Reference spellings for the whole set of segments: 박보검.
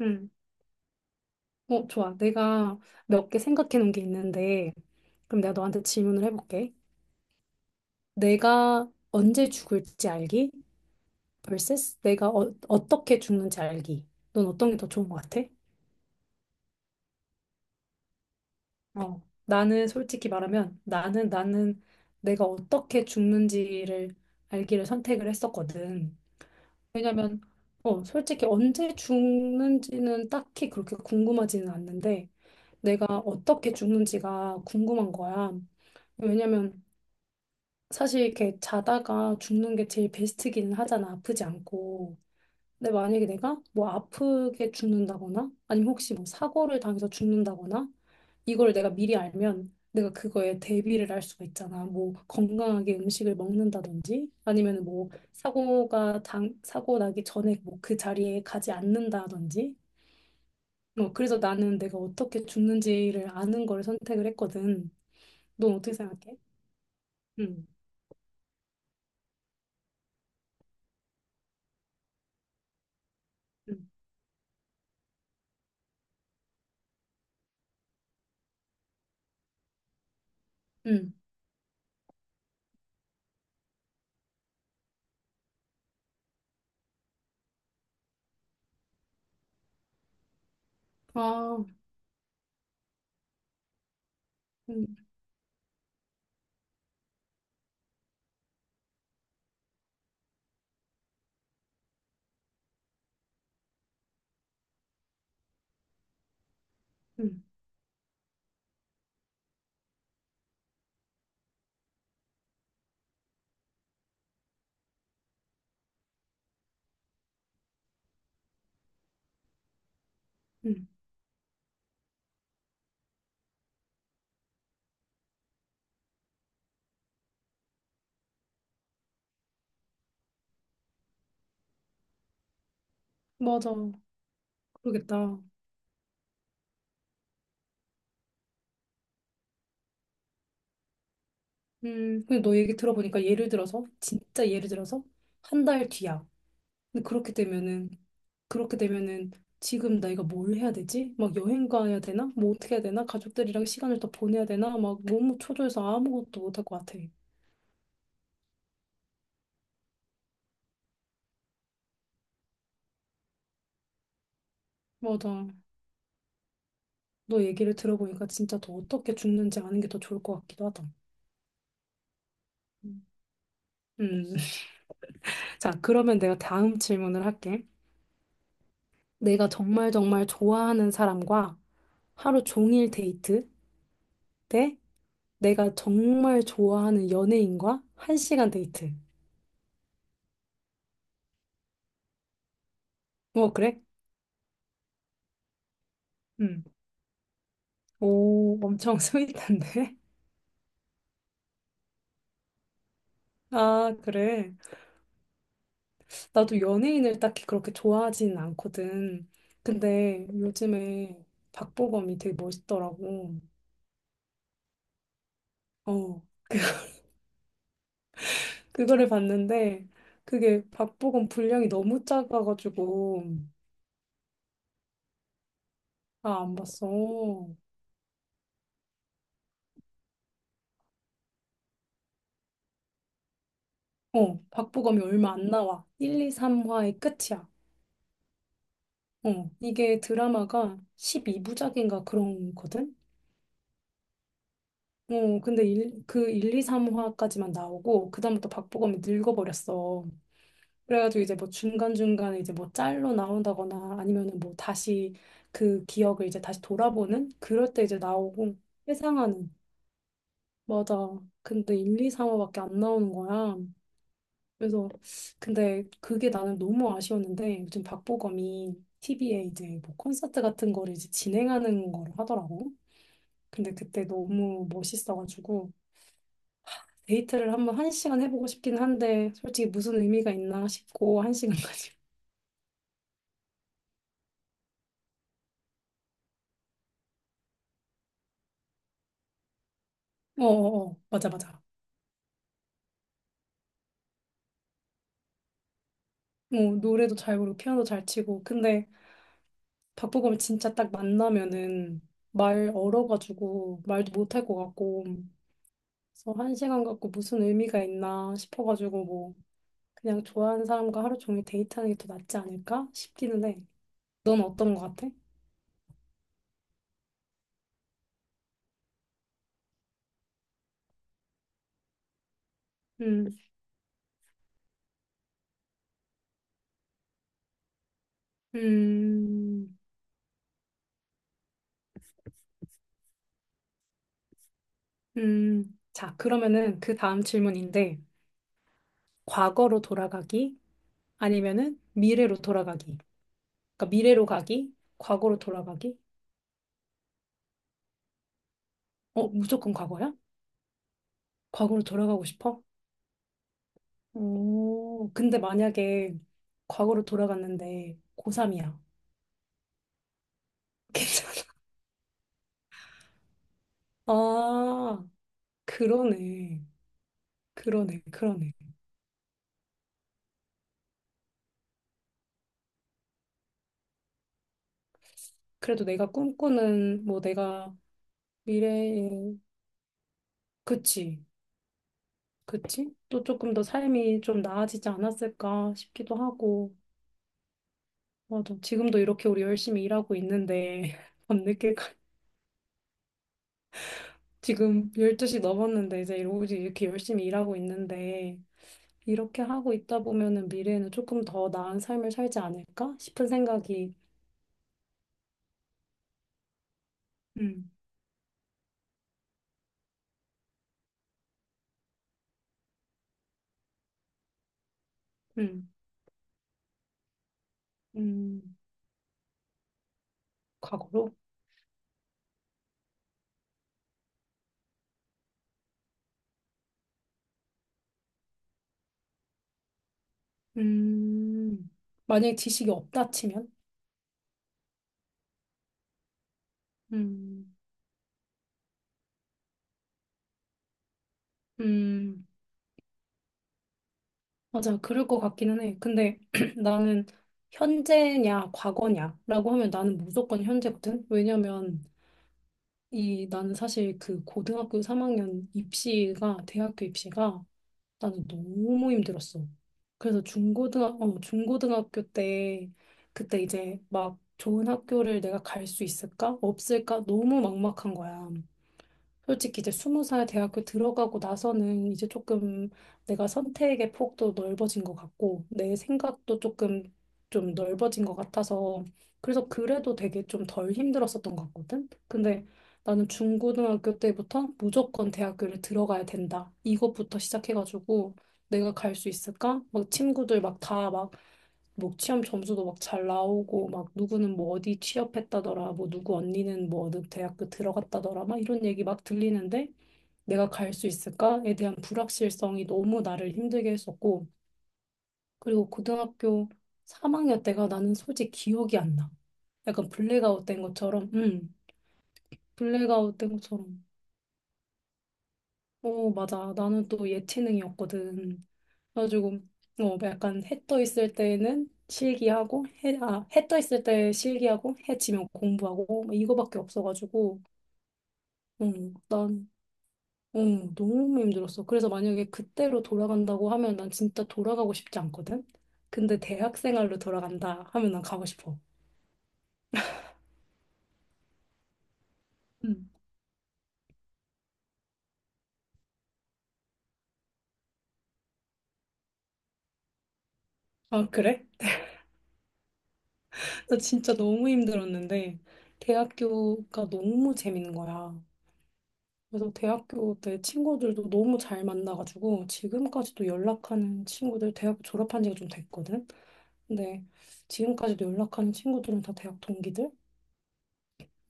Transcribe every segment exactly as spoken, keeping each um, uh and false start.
응. 어, 좋아. 내가 몇 개 생각해 놓은 게 있는데, 그럼 내가 너한테 질문을 해볼게. 내가 언제 죽을지 알기 vs 내가 어, 어떻게 죽는지 알기. 넌 어떤 게 더 좋은 것 같아? 어. 나는 솔직히 말하면 나는 나는 내가 어떻게 죽는지를 알기를 선택을 했었거든. 왜냐면 어, 솔직히 언제 죽는지는 딱히 그렇게 궁금하지는 않는데 내가 어떻게 죽는지가 궁금한 거야. 왜냐면 사실 이렇게 자다가 죽는 게 제일 베스트기는 하잖아. 아프지 않고. 근데 만약에 내가 뭐 아프게 죽는다거나 아니면 혹시 뭐 사고를 당해서 죽는다거나 이걸 내가 미리 알면 내가 그거에 대비를 할 수가 있잖아. 뭐 건강하게 음식을 먹는다든지 아니면 뭐 사고가 당 사고 나기 전에 뭐 그 자리에 가지 않는다든지. 뭐 그래서 나는 내가 어떻게 죽는지를 아는 걸 선택을 했거든. 넌 어떻게 생각해? 응, 응, 응. 아. 음, 음, 맞아. 그러겠다. 음, 근데 너 얘기 들어보니까 예를 들어서, 진짜 예를 들어서, 한 달 뒤야. 근데 그렇게 되면은, 그렇게 되면은, 지금 내가 뭘 해야 되지? 막 여행 가야 되나? 뭐 어떻게 해야 되나? 가족들이랑 시간을 더 보내야 되나? 막 너무 초조해서 아무것도 못할 것 같아. 맞아. 너 얘기를 들어보니까 진짜 더 어떻게 죽는지 아는 게 더 좋을 것 같기도 하다. 음, 음. 자, 그러면 내가 다음 질문을 할게. 내가 정말 정말 좋아하는 사람과 하루 종일 데이트? 대 내가 정말 좋아하는 연예인과 한시간 데이트. 어, 그래? 응. 오, 엄청 스윗한데? 아, 그래. 나도 연예인을 딱히 그렇게 좋아하진 않거든. 근데 요즘에 박보검이 되게 멋있더라고. 어, 그, 그거를 봤는데 그게 박보검 분량이 너무 작아가지고 아, 안 봤어. 어, 박보검이 얼마 안 나와. 일, 이, 삼 화의 끝이야. 어, 이게 드라마가 십이 부작인가 그런 거든? 어, 근데 일, 그 일, 이, 삼 화까지만 나오고, 그다음부터 박보검이 늙어버렸어. 그래가지고 이제 뭐 중간중간에 이제 뭐 짤로 나온다거나 아니면은 뭐 다시 그 기억을 이제 다시 돌아보는? 그럴 때 이제 나오고, 회상하는. 맞아. 근데 일, 이, 삼 화밖에 안 나오는 거야. 그래서, 근데 그게 나는 너무 아쉬웠는데, 요즘 박보검이 티비에 이제 뭐 콘서트 같은 거를 이제 진행하는 걸 하더라고. 근데 그때 너무 멋있어가지고 데이트를 한번 한 시간 해보고 싶긴 한데 솔직히 무슨 의미가 있나 싶고 한 시간까지. 어어어 맞아 맞아. 뭐 노래도 잘 부르고 피아노 잘 치고 근데 박보검 진짜 딱 만나면은 말 얼어가지고 말도 못할 것 같고 그래서 한 시간 갖고 무슨 의미가 있나 싶어가지고 뭐 그냥 좋아하는 사람과 하루 종일 데이트하는 게 더 낫지 않을까 싶기는 해. 넌 어떤 것 같아? 음, 음. 음, 자, 그러면은 그 다음 질문인데, 과거로 돌아가기, 아니면은 미래로 돌아가기. 그러니까 미래로 가기, 과거로 돌아가기. 어, 무조건 과거야? 과거로 돌아가고 싶어? 오, 근데 만약에 과거로 돌아갔는데 고삼이야. 괜찮아. 아, 그러네. 그러네, 그러네. 그래도 내가 꿈꾸는, 뭐 내가 미래에, 그치, 그치? 또 조금 더 삶이 좀 나아지지 않았을까 싶기도 하고. 맞아. 지금도 이렇게 우리 열심히 일하고 있는데, 밤늦게까지, 지금 열두 시 넘었는데, 이제 오직 이렇게 열심히 일하고 있는데, 이렇게 하고 있다 보면은 미래에는 조금 더 나은 삶을 살지 않을까 싶은 생각이, 음, 음, 음, 과거로? 음, 만약에 지식이 없다 치면? 음, 음, 맞아. 그럴 것 같기는 해. 근데 나는 현재냐, 과거냐라고 하면 나는 무조건 현재거든? 왜냐면, 이 나는 사실 그 고등학교 삼 학년 입시가 대학교 입시가 나는 너무 힘들었어. 그래서 중고등학 어, 중고등학교 때 그때 이제 막 좋은 학교를 내가 갈 수 있을까? 없을까? 너무 막막한 거야. 솔직히 이제 스무 살 대학교 들어가고 나서는 이제 조금 내가 선택의 폭도 넓어진 것 같고 내 생각도 조금 좀 넓어진 것 같아서 그래서 그래도 되게 좀 덜 힘들었었던 것 같거든. 근데 나는 중고등학교 때부터 무조건 대학교를 들어가야 된다. 이것부터 시작해가지고 내가 갈 수 있을까? 막 친구들 막 다막 뭐 취업 점수도 막 잘 나오고 막 누구는 뭐 어디 취업했다더라 뭐 누구 언니는 뭐 어느 대학교 들어갔다더라 막 이런 얘기 막 들리는데 내가 갈 수 있을까에 대한 불확실성이 너무 나를 힘들게 했었고 그리고 고등학교 삼 학년 때가 나는 솔직히 기억이 안 나. 약간 블랙아웃 된 것처럼 음 블랙아웃 된 것처럼 어 맞아 나는 또 예체능이었거든. 그래가지고 어, 뭐 약간 해 떠 있을 때는 실기하고 해, 아, 해 떠 있을 때 실기하고 해 지면 공부하고 뭐 이거밖에 없어가지고 음, 난 음, 너무 힘들었어. 그래서 만약에 그때로 돌아간다고 하면 난 진짜 돌아가고 싶지 않거든. 근데 대학 생활로 돌아간다 하면 난 가고 싶어. 음. 아, 그래? 나 진짜 너무 힘들었는데 대학교가 너무 재밌는 거야. 그래서 대학교 때 친구들도 너무 잘 만나가지고 지금까지도 연락하는 친구들 대학 졸업한 지가 좀 됐거든. 근데 지금까지도 연락하는 친구들은 다 대학 동기들.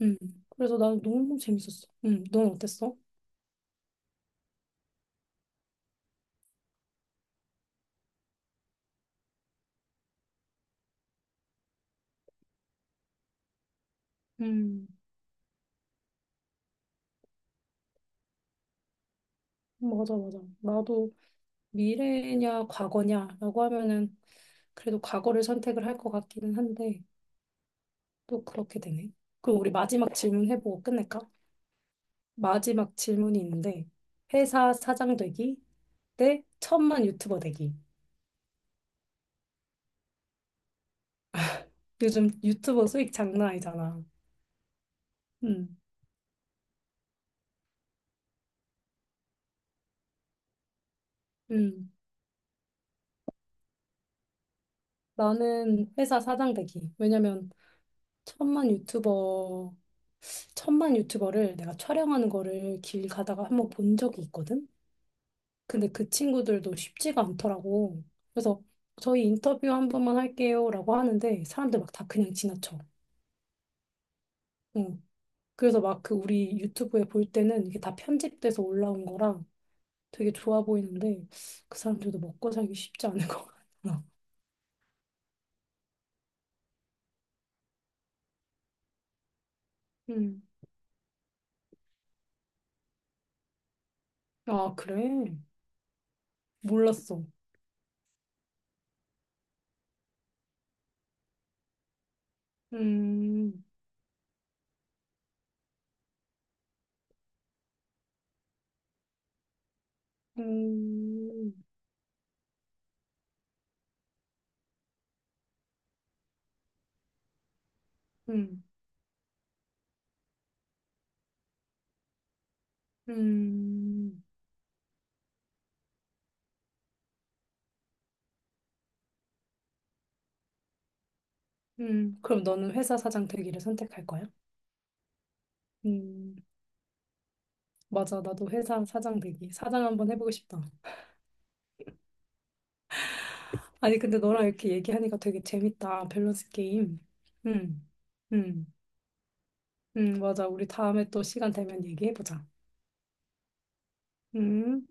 음. 그래서 나는 너무 재밌었어. 음. 넌 어땠어? 음, 맞아, 맞아. 나도 미래냐 과거냐라고 하면은 그래도 과거를 선택을 할 것 같기는 한데 또 그렇게 되네. 그럼 우리 마지막 질문 해보고 끝낼까? 마지막 질문이 있는데 회사 사장 되기 대 천만 유튜버 되기. 요즘 유튜버 수익 장난 아니잖아. 음, 음. 나는 회사 사장 되기. 왜냐면 천만 유튜버, 천만 유튜버를 내가 촬영하는 거를 길 가다가 한번 본 적이 있거든? 근데 그 친구들도 쉽지가 않더라고. 그래서 저희 인터뷰 한 번만 할게요라고 하는데 사람들 막 다 그냥 지나쳐. 응. 그래서 막 그 우리 유튜브에 볼 때는 이게 다 편집돼서 올라온 거라 되게 좋아 보이는데 그 사람들도 먹고 살기 쉽지 않을 것 같아. 음. 아, 그래? 몰랐어. 음. 음. 음. 음. 음. 그럼 너는 회사 사장 되기를 선택할 거야? 음. 맞아. 나도 회사 사장 되기. 사장 한번 해보고 싶다. 아니, 근데 너랑 이렇게 얘기하니까 되게 재밌다. 밸런스 게임. 음. 음. 음. 맞아. 우리 다음에 또 시간 되면 얘기해보자. 음.